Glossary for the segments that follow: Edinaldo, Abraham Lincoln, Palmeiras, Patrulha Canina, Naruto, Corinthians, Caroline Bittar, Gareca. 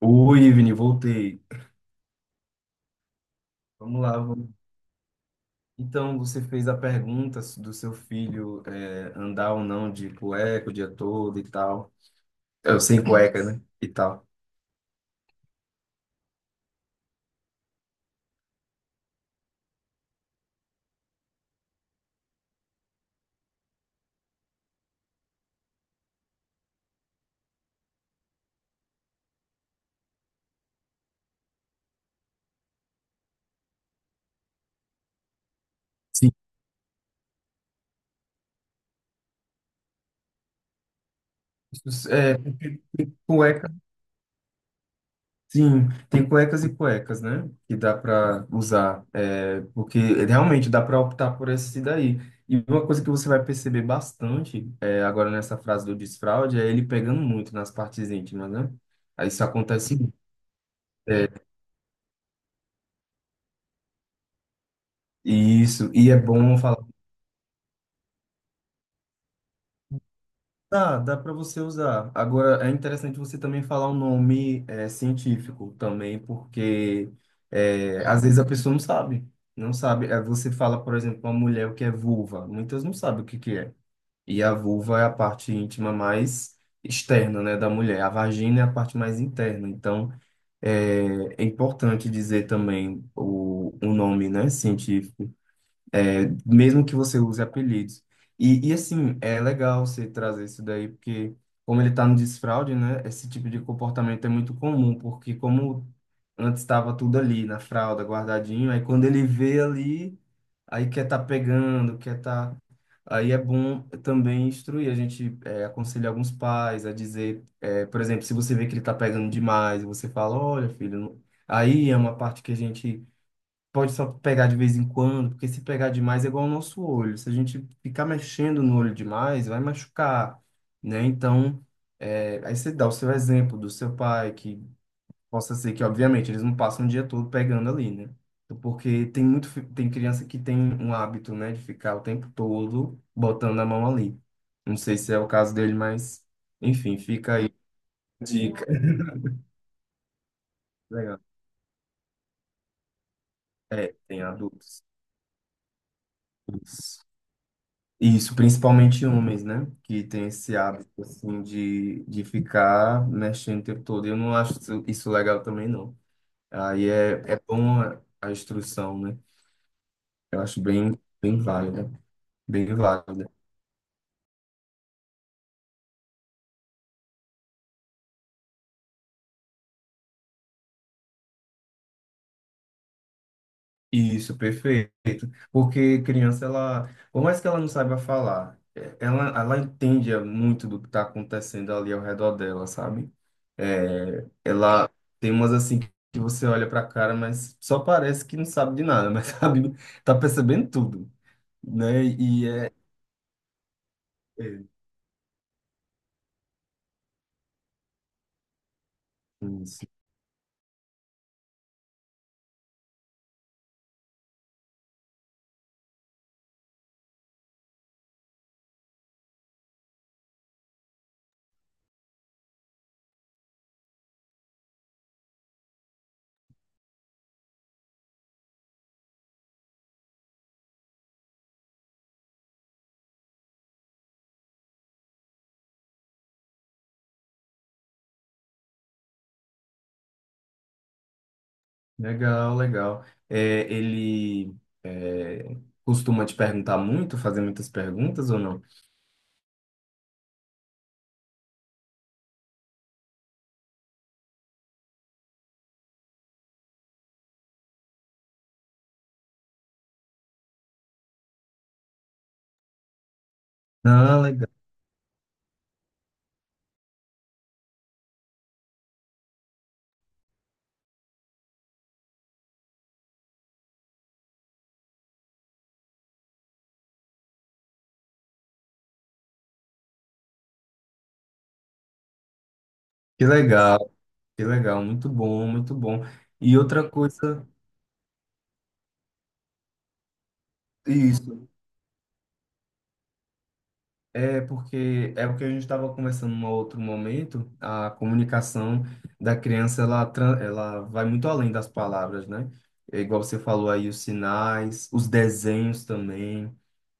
Oi, Ivni, voltei. Vamos lá. Então, você fez a pergunta do seu filho andar ou não de cueca o dia todo e tal. É, sem cueca, né? E tal. Sim. É, cueca. Sim, tem cuecas e cuecas, né? Que dá para usar, porque realmente dá para optar por esse daí. E uma coisa que você vai perceber bastante agora nessa frase do desfraude é ele pegando muito nas partes íntimas, né? Aí isso acontece. Isso, e é bom falar, tá, dá para você usar. Agora, é interessante você também falar o nome científico também, porque às vezes a pessoa não sabe. Não sabe. Aí você fala, por exemplo, uma mulher o que é vulva. Muitas não sabem o que que é. E a vulva é a parte íntima mais externa, né, da mulher. A vagina é a parte mais interna. Então, é, é importante dizer também o nome, né, científico, mesmo que você use apelidos. E assim, é legal você trazer isso daí, porque como ele está no desfraude, né, esse tipo de comportamento é muito comum, porque como antes estava tudo ali na fralda, guardadinho, aí quando ele vê ali, aí quer tá pegando, quer tá... Aí é bom também instruir, a gente aconselha alguns pais a dizer, é, por exemplo, se você vê que ele tá pegando demais, você fala, olha, filho, aí é uma parte que a gente pode só pegar de vez em quando, porque se pegar demais é igual ao nosso olho. Se a gente ficar mexendo no olho demais, vai machucar, né? Então, aí você dá o seu exemplo do seu pai, que possa ser que, obviamente, eles não passam o dia todo pegando ali, né? Porque tem muito, tem criança que tem um hábito, né, de ficar o tempo todo botando a mão ali. Não sei se é o caso dele, mas, enfim, fica aí. A dica. Legal. É, tem adultos. Isso, principalmente homens, né? Que tem esse hábito, assim, de ficar mexendo o tempo todo. Eu não acho isso legal também, não. Aí é bom a instrução, né? Eu acho bem válida, bem válida. Isso, perfeito. Porque criança, ela, por mais que ela não saiba falar, ela entende muito do que está acontecendo ali ao redor dela, sabe? É, ela tem umas assim que você olha para a cara, mas só parece que não sabe de nada, mas sabe, tá percebendo tudo, né? E é isso. Legal, legal. É, ele é, costuma te perguntar muito, fazer muitas perguntas ou não? Ah, legal. Que legal. Que legal, muito bom, muito bom. E outra coisa, isso, é porque é o que a gente estava conversando em um outro momento, a comunicação da criança, ela vai muito além das palavras, né? É igual você falou aí, os sinais, os desenhos também.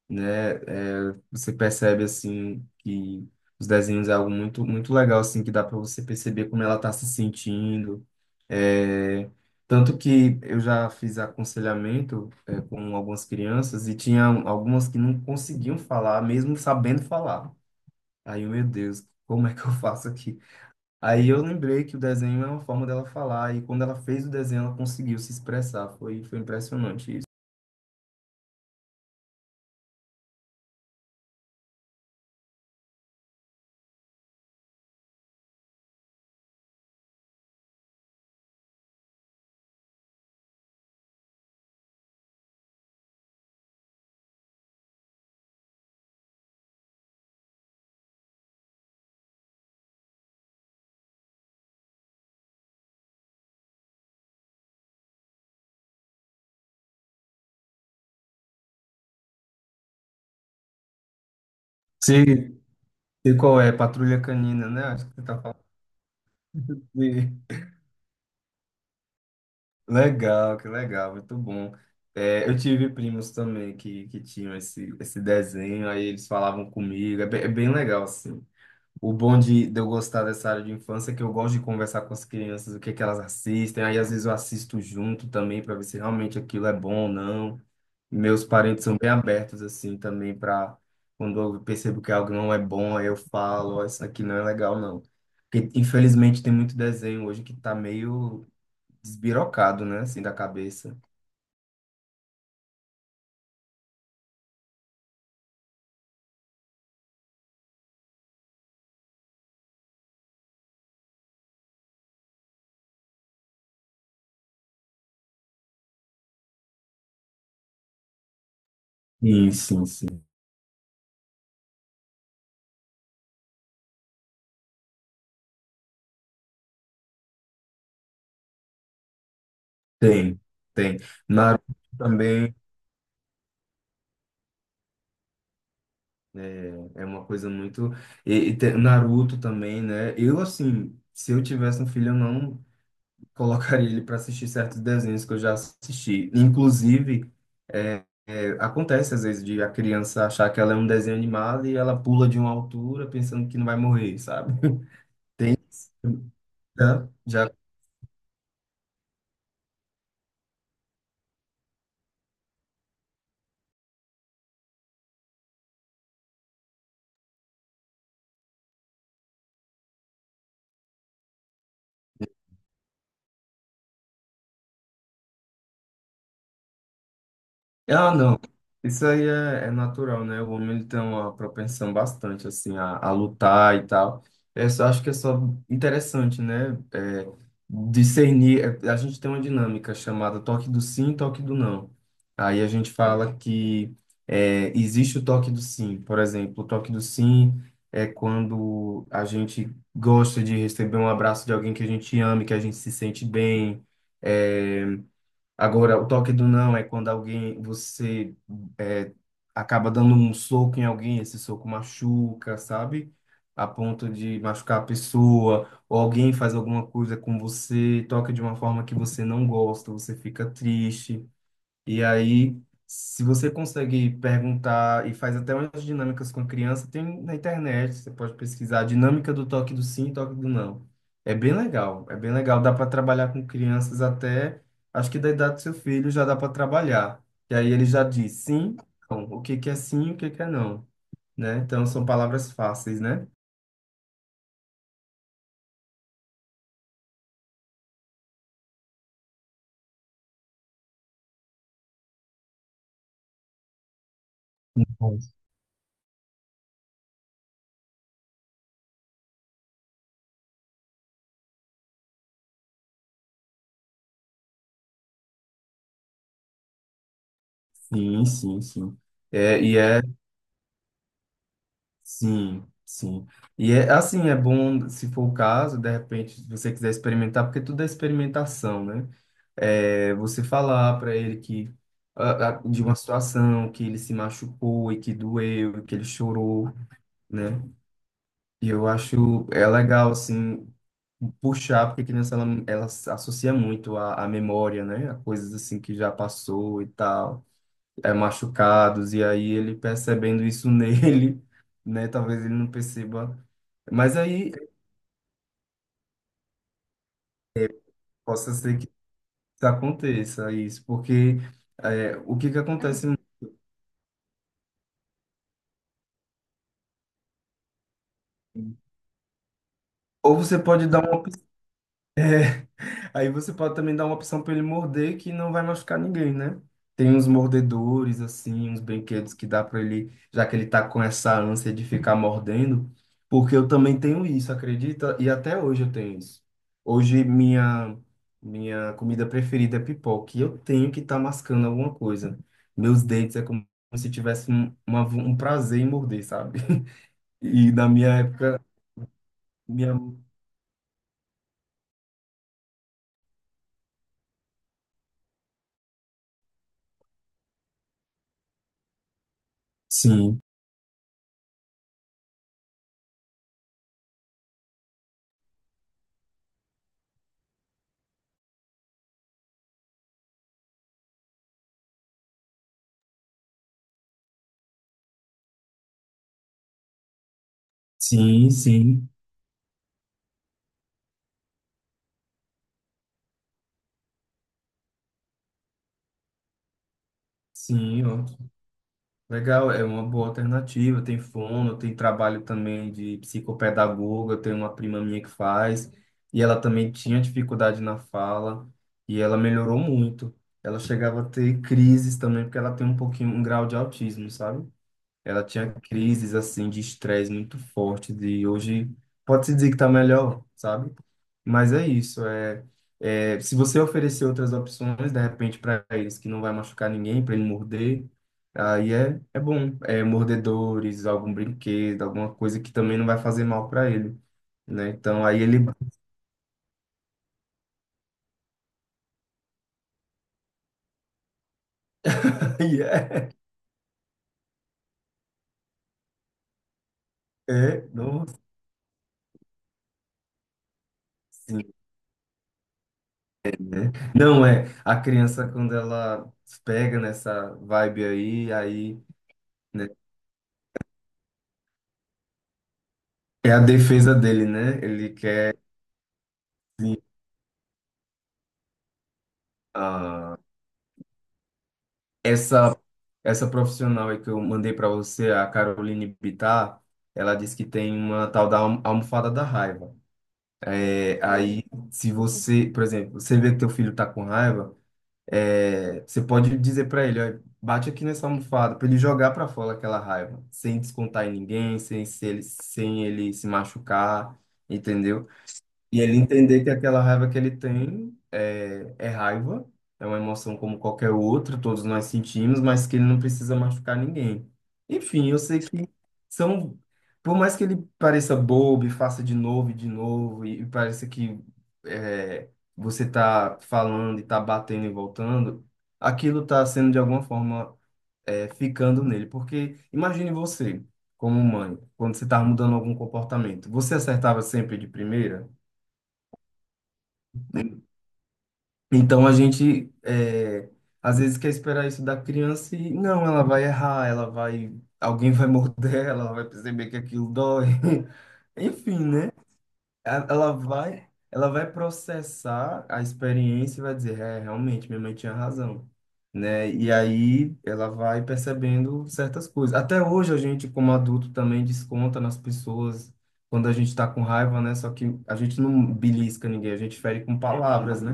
Né? É, você percebe assim que os desenhos é algo muito legal assim que dá para você perceber como ela está se sentindo. É, tanto que eu já fiz aconselhamento com algumas crianças e tinha algumas que não conseguiam falar, mesmo sabendo falar. Meu Deus, como é que eu faço aqui? Aí eu lembrei que o desenho é uma forma dela falar e quando ela fez o desenho ela conseguiu se expressar. Foi impressionante isso. Sei, sei qual é, Patrulha Canina, né? Acho que você tá falando. Sim. Legal, que legal, muito bom. É, eu tive primos também que tinham esse desenho, aí eles falavam comigo, é bem legal, assim. O bom de eu gostar dessa área de infância é que eu gosto de conversar com as crianças, o que é que elas assistem, aí às vezes eu assisto junto também para ver se realmente aquilo é bom ou não. Meus parentes são bem abertos, assim, também para quando eu percebo que algo não é bom, aí eu falo, ó, isso aqui não é legal, não. Porque, infelizmente, tem muito desenho hoje que tá meio desbirocado, né? Assim, da cabeça. Sim, sim, sim. Tem, tem. Naruto também é uma coisa muito. Naruto também, né? Eu, assim, se eu tivesse um filho, eu não colocaria ele para assistir certos desenhos que eu já assisti. Inclusive, acontece às vezes de a criança achar que ela é um desenho animado e ela pula de uma altura pensando que não vai morrer, sabe? Tem. Né? Já Ah, não. Isso aí é natural, né? O homem ele tem uma propensão bastante, assim, a lutar e tal. Eu só acho que é só interessante, né? Discernir. A gente tem uma dinâmica chamada toque do sim, toque do não. Aí a gente fala que existe o toque do sim. Por exemplo, o toque do sim é quando a gente gosta de receber um abraço de alguém que a gente ama, e que a gente se sente bem. é, Agora, o toque do não é quando alguém, você é, acaba dando um soco em alguém, esse soco machuca, sabe? A ponto de machucar a pessoa, ou alguém faz alguma coisa com você, toca de uma forma que você não gosta, você fica triste. E aí, se você consegue perguntar e faz até umas dinâmicas com criança, tem na internet, você pode pesquisar dinâmica do toque do sim toque do não. É bem legal, é bem legal. Dá para trabalhar com crianças até, acho que da idade do seu filho já dá para trabalhar. E aí ele já diz sim, não. O que que é sim, o que que é não, né? Então são palavras fáceis, né? Bom, sim, sim, sim. É, e é. Sim, sim. E é assim, é bom, se for o caso, de repente, se você quiser experimentar, porque tudo é experimentação, né? É, você falar para ele que de uma situação que ele se machucou e que doeu, e que ele chorou, né? E eu acho é legal assim puxar, porque a criança ela se associa muito à memória, né? A coisas assim que já passou e tal, é machucados e aí ele percebendo isso nele né? Talvez ele não perceba mas aí possa ser que aconteça isso, porque é, o que que acontece? Ou você pode dar uma Aí você pode também dar uma opção para ele morder que não vai machucar ninguém, né? Tem uns mordedores, assim, uns brinquedos que dá para ele, já que ele tá com essa ânsia de ficar mordendo, porque eu também tenho isso, acredita? E até hoje eu tenho isso. Hoje minha comida preferida é pipoca, e eu tenho que estar mascando alguma coisa. Meus dentes é como se tivesse um prazer em morder, sabe? E na minha época, minha... Sim, sim, sim, sim, ó. Legal, é uma boa alternativa. Tem fono, tem trabalho também de psicopedagoga. Tem uma prima minha que faz, e ela também tinha dificuldade na fala, e ela melhorou muito. Ela chegava a ter crises também, porque ela tem um pouquinho, um grau de autismo, sabe? Ela tinha crises assim de estresse muito forte, de hoje pode-se dizer que está melhor, sabe? Mas é isso, é se você oferecer outras opções de repente para eles que não vai machucar ninguém, para ele morder, aí é bom, é mordedores, algum brinquedo, alguma coisa que também não vai fazer mal para ele, né? Então aí ele aí é, nossa, sim. Não é, a criança quando ela pega nessa vibe aí, aí né, é a defesa dele, né? Ele quer assim, ah, essa essa profissional aí que eu mandei para você, a Caroline Bittar, ela disse que tem uma tal da almofada da raiva. É, aí, se você, por exemplo, você vê que teu filho tá com raiva, você pode dizer para ele, ó, bate aqui nessa almofada para ele jogar para fora aquela raiva, sem descontar em ninguém, sem ele se machucar, entendeu? E ele entender que aquela raiva que ele tem é raiva, é uma emoção como qualquer outra, todos nós sentimos, mas que ele não precisa machucar ninguém. Enfim, eu sei que são, por mais que ele pareça bobo e faça de novo e de novo, e pareça que é, você tá falando e tá batendo e voltando, aquilo tá sendo de alguma forma ficando nele. Porque imagine você, como mãe, quando você tá mudando algum comportamento, você acertava sempre de primeira? Então a gente às vezes quer esperar isso da criança e não, ela vai errar, ela vai, alguém vai morder, ela vai perceber que aquilo dói. Enfim, né? Ela vai processar a experiência e vai dizer, é, realmente, minha mãe tinha razão, né? E aí ela vai percebendo certas coisas. Até hoje a gente, como adulto, também desconta nas pessoas quando a gente está com raiva, né? Só que a gente não belisca ninguém, a gente fere com palavras, né?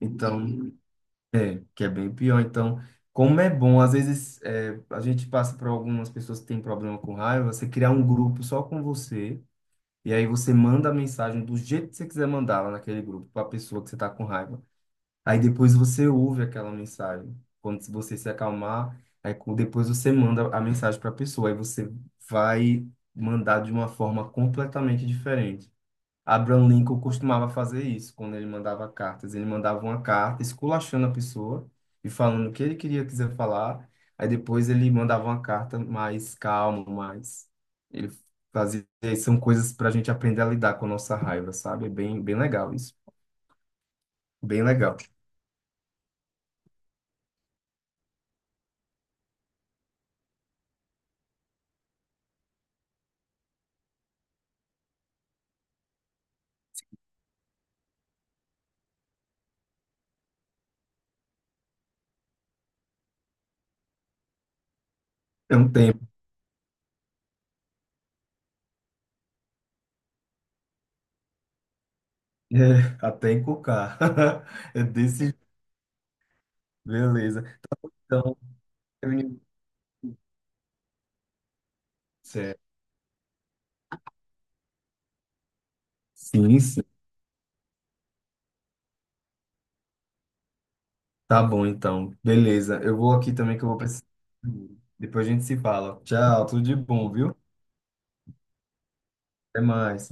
Então, que é bem pior. Então, como é bom, às vezes a gente passa por algumas pessoas que têm problema com raiva, você criar um grupo só com você, e aí você manda a mensagem do jeito que você quiser mandá-la naquele grupo, para a pessoa que você está com raiva. Aí depois você ouve aquela mensagem. Quando se- Você se acalmar, depois você manda a mensagem para a pessoa, aí você vai mandar de uma forma completamente diferente. Abraham Lincoln costumava fazer isso quando ele mandava cartas. Ele mandava uma carta esculachando a pessoa e falando o que ele queria quiser falar. Aí depois ele mandava uma carta mais calma, mais. Ele fazia. São coisas para a gente aprender a lidar com a nossa raiva, sabe? É bem, bem legal isso. Bem legal. É um tempo. É, até encocar. É desse. Beleza. Então, eu- Certo. Sim, tá bom, então. Beleza. Eu vou aqui também que eu vou precisar. Depois a gente se fala. Tchau, tudo de bom, viu? Até mais.